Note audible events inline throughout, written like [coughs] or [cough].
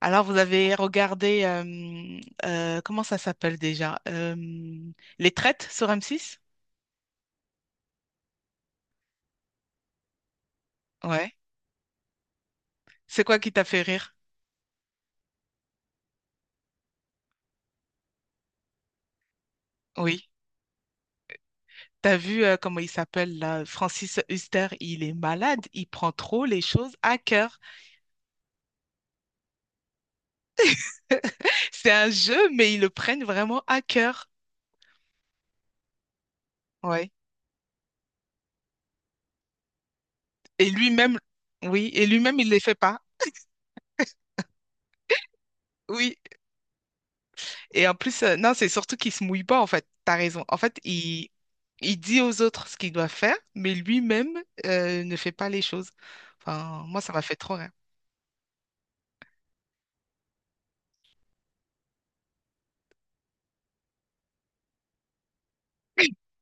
Alors, vous avez regardé, comment ça s'appelle déjà? Les Traites sur M6? Ouais. C'est quoi qui t'a fait rire? Oui. T'as vu, comment il s'appelle là? Francis Huster, il est malade, il prend trop les choses à cœur. C'est un jeu, mais ils le prennent vraiment à cœur. Ouais. Et lui-même, oui, et lui-même, il ne les fait pas. Oui. Et en plus, non, c'est surtout qu'il se mouille pas, en fait. T'as raison. En fait, il dit aux autres ce qu'il doit faire, mais lui-même, ne fait pas les choses. Enfin, moi, ça m'a fait trop rire. [laughs]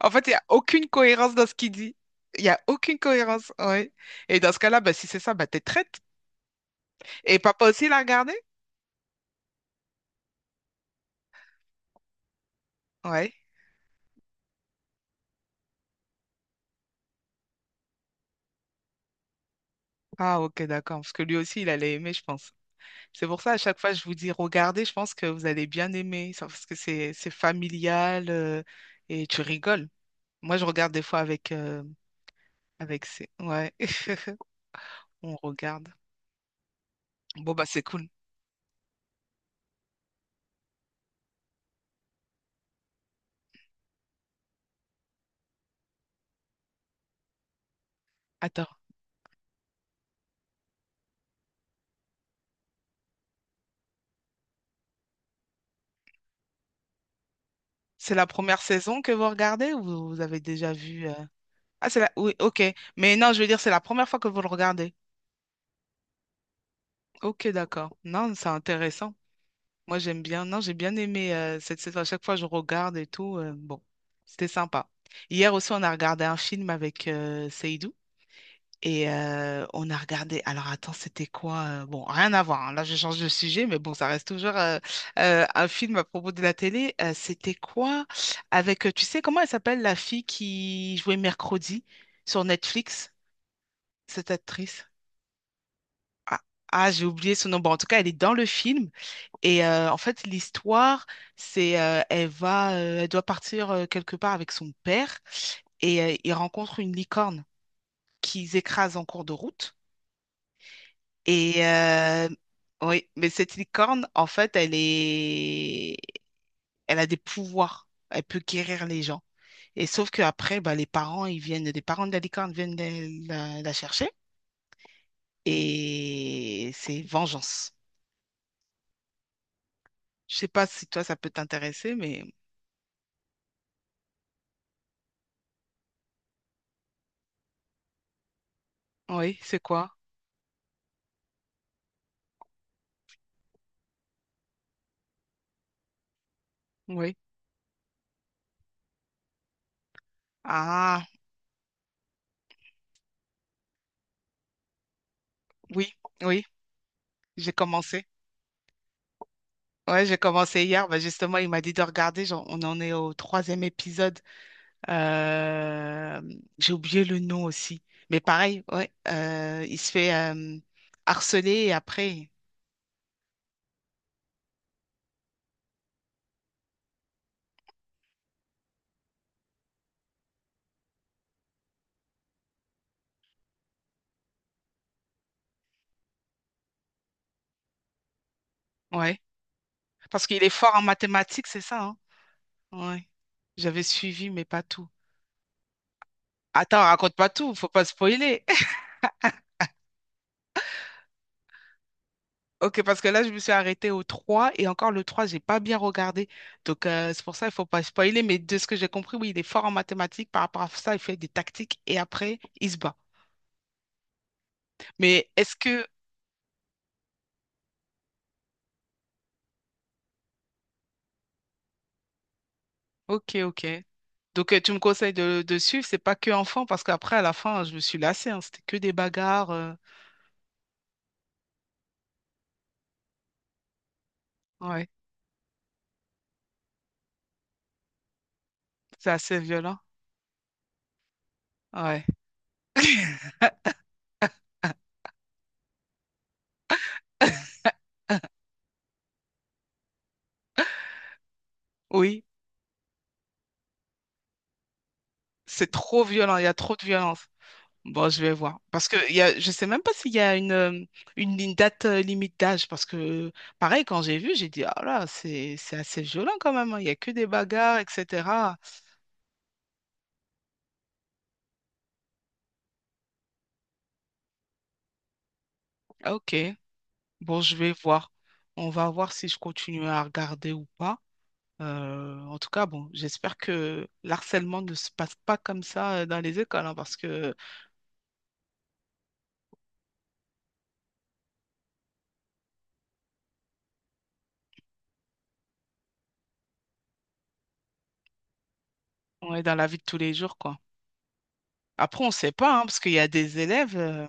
En fait, il n'y a aucune cohérence dans ce qu'il dit. Il n'y a aucune cohérence, ouais. Et dans ce cas-là, bah, si c'est ça, bah, t'es traite. Et papa aussi l'a regardé? Ouais. Ah, ok, d'accord. Parce que lui aussi, il allait aimer, je pense. C'est pour ça, à chaque fois, je vous dis, regardez, je pense que vous allez bien aimer ça, parce que c'est familial, et tu rigoles. Moi, je regarde des fois avec, avec ses... Ouais, [laughs] on regarde. Bon, bah, c'est cool. Attends, c'est la première saison que vous regardez ou vous avez déjà vu... Ah, c'est la... Oui, ok. Mais non, je veux dire, c'est la première fois que vous le regardez. Ok, d'accord. Non, c'est intéressant. Moi, j'aime bien. Non, j'ai bien aimé, cette saison. À chaque fois, je regarde et tout. Bon, c'était sympa. Hier aussi, on a regardé un film avec, Seydou. Et, on a regardé. Alors attends, c'était quoi? Bon, rien à voir, hein. Là, je change de sujet, mais bon, ça reste toujours, un film à propos de la télé. C'était quoi? Avec, tu sais, comment elle s'appelle la fille qui jouait Mercredi sur Netflix, cette actrice? Ah, ah, j'ai oublié son nom. Bon, en tout cas, elle est dans le film. Et en fait, l'histoire, c'est, elle va, elle doit partir, quelque part avec son père et ils rencontrent une licorne qu'ils écrasent en cours de route. Et oui, mais cette licorne, en fait, elle a des pouvoirs. Elle peut guérir les gens. Et sauf qu'après, bah, les parents, ils viennent, les parents de la licorne viennent la chercher. Et c'est vengeance. Je sais pas si toi, ça peut t'intéresser, mais oui, c'est quoi? Oui. Ah, oui, oui, j'ai commencé. Ouais, j'ai commencé hier. Bah, justement, il m'a dit de regarder. On en est au troisième épisode. Euh, j'ai oublié le nom aussi. Mais pareil, ouais, il se fait, harceler et après, ouais. Parce qu'il est fort en mathématiques, c'est ça, hein? Ouais. J'avais suivi, mais pas tout. Attends, raconte pas tout, faut pas spoiler. [laughs] Ok, parce que là, je me suis arrêtée au 3 et encore le trois j'ai pas bien regardé. Donc, c'est pour ça, il faut pas spoiler. Mais de ce que j'ai compris, oui, il est fort en mathématiques. Par rapport à ça, il fait des tactiques et après, il se bat. Mais est-ce que. Ok, ok. Donc, tu me conseilles de, suivre, c'est pas que enfant, parce qu'après, à la fin, je me suis lassée, hein, c'était que des bagarres. Ouais, c'est assez violent. Ouais. [coughs] Oui, c'est trop violent, il y a trop de violence. Bon, je vais voir. Parce que je sais même pas s'il y a une date, limite d'âge. Parce que, pareil, quand j'ai vu, j'ai dit, ah là, c'est assez violent quand même, hein. Il y a que des bagarres, etc. Ah, ok, bon, je vais voir. On va voir si je continue à regarder ou pas. En tout cas, bon, j'espère que l'harcèlement ne se passe pas comme ça, dans les écoles, hein, parce que on est dans la vie de tous les jours, quoi. Après, on ne sait pas, hein, parce qu'il y a des élèves,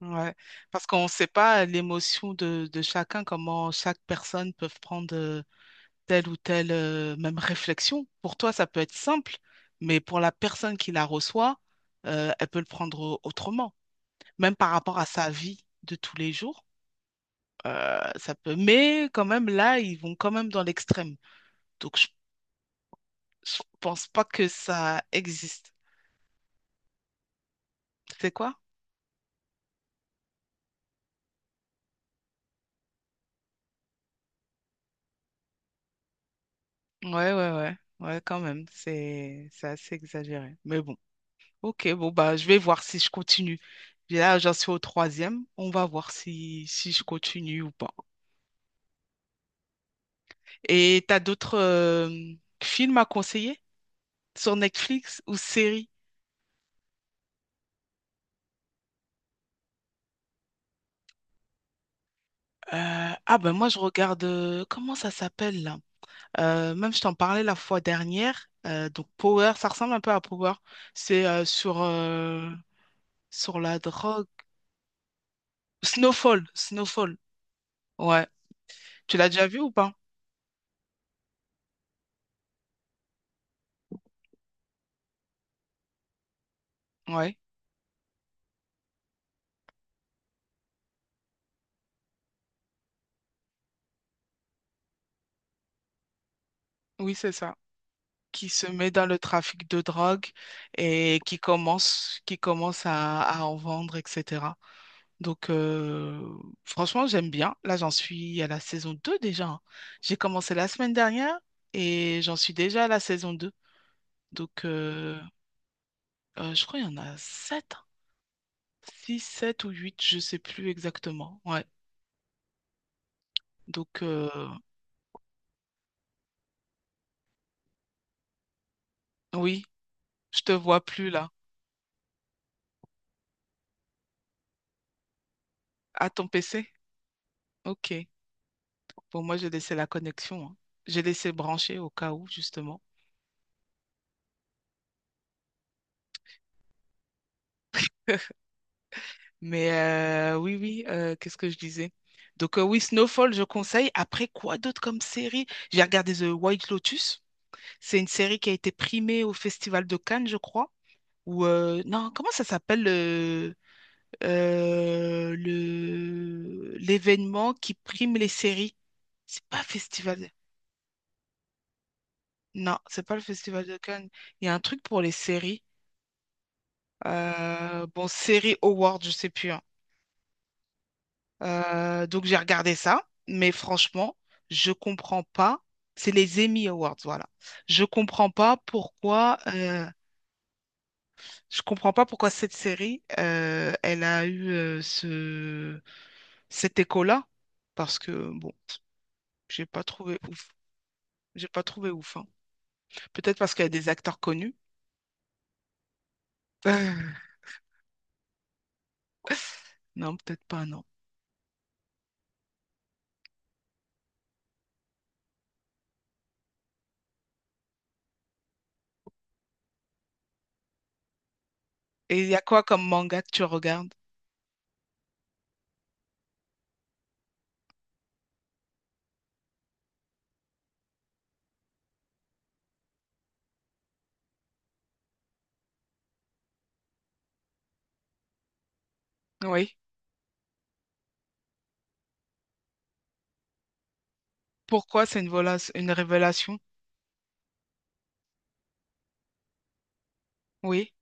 ouais, parce qu'on ne sait pas l'émotion de, chacun, comment chaque personne peut prendre, telle ou telle, même réflexion. Pour toi, ça peut être simple, mais pour la personne qui la reçoit, elle peut le prendre autrement, même par rapport à sa vie de tous les jours. Ça peut, mais quand même là, ils vont quand même dans l'extrême. Donc, je pense pas que ça existe. C'est quoi? Ouais, ouais, ouais. Ouais, quand même. C'est assez exagéré. Mais bon. Ok, bon, bah, je vais voir si je continue. Puis là, j'en suis au troisième. On va voir si je continue ou pas. Et t'as d'autres, films à conseiller sur Netflix ou séries? Ah, ben moi je regarde, comment ça s'appelle là? Même je t'en parlais la fois dernière. Donc, Power, ça ressemble un peu à Power. C'est, sur la drogue. Snowfall, Snowfall. Ouais. Tu l'as déjà vu ou pas? Ouais. Oui, c'est ça. Qui se met dans le trafic de drogue et qui commence à en vendre, etc. Donc, franchement, j'aime bien. Là, j'en suis à la saison 2 déjà, hein. J'ai commencé la semaine dernière et j'en suis déjà à la saison 2. Donc, je crois qu'il y en a 7, 6, 7 ou 8, je ne sais plus exactement. Ouais. Donc, oui, je te vois plus là. À ton PC? Ok. Bon, moi, j'ai laissé la connexion, hein. J'ai laissé brancher au cas où, justement. [laughs] Mais, oui, oui, qu'est-ce que je disais? Donc, oui, Snowfall, je conseille. Après, quoi d'autre comme série? J'ai regardé The White Lotus. C'est une série qui a été primée au Festival de Cannes, je crois. Ou, non, comment ça s'appelle, l'événement qui prime les séries? C'est pas festival. Non, c'est pas le Festival de Cannes. Il y a un truc pour les séries. Bon, série Award, je sais plus, hein. Donc j'ai regardé ça, mais franchement, je comprends pas. C'est les Emmy Awards, voilà. Je comprends pas pourquoi. Je comprends pas pourquoi cette série, elle a eu, ce cet écho-là, parce que bon, j'ai pas trouvé ouf. J'ai pas trouvé ouf, hein. Peut-être parce qu'il y a des acteurs connus. [laughs] Non, peut-être pas, non. Et il y a quoi comme manga que tu regardes? Oui. Pourquoi c'est une révélation? Oui.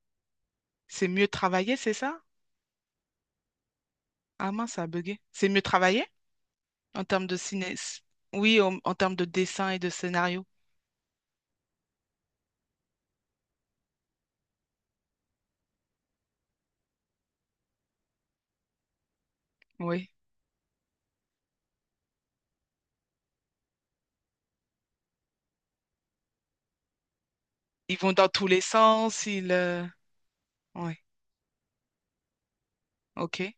C'est mieux travaillé, c'est ça? Ah mince, ça a bugué. C'est mieux travaillé en termes de ciné. Oui, en termes de dessin et de scénario. Oui. Ils vont dans tous les sens, ils... Oui. Ok.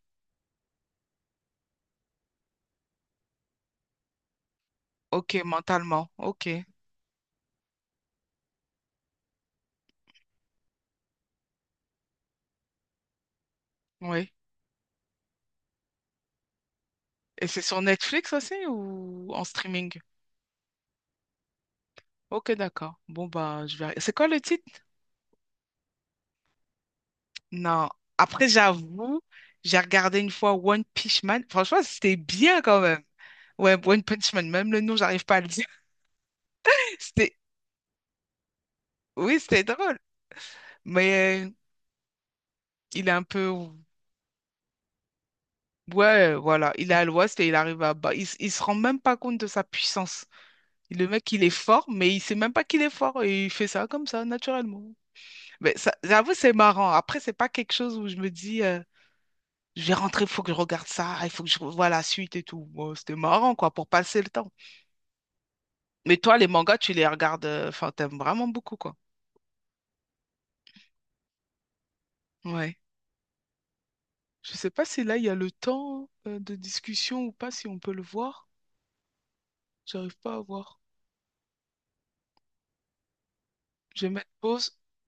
Ok, mentalement. Ok. Oui. Et c'est sur Netflix aussi ou en streaming? Ok, d'accord. Bon, bah, je vais... C'est quoi le titre? Non. Après, j'avoue, j'ai regardé une fois One Punch Man. Franchement, c'était bien quand même. Ouais, One Punch Man, même le nom, j'arrive pas à le dire. [laughs] C'était, oui, c'était drôle. Mais, il est un peu, ouais, voilà, il est à l'ouest et il arrive à bas. Il se rend même pas compte de sa puissance. Le mec, il est fort, mais il sait même pas qu'il est fort et il fait ça comme ça, naturellement. Mais ça, j'avoue, c'est marrant. Après, c'est pas quelque chose où je me dis, je vais rentrer, il faut que je regarde ça, il faut que je revoie la suite et tout. Bon, c'était marrant, quoi, pour passer le temps. Mais toi, les mangas, tu les regardes, enfin, t'aimes vraiment beaucoup, quoi. Ouais. Je sais pas si là il y a le temps, de discussion ou pas, si on peut le voir. J'arrive pas à voir. Je vais mettre pause.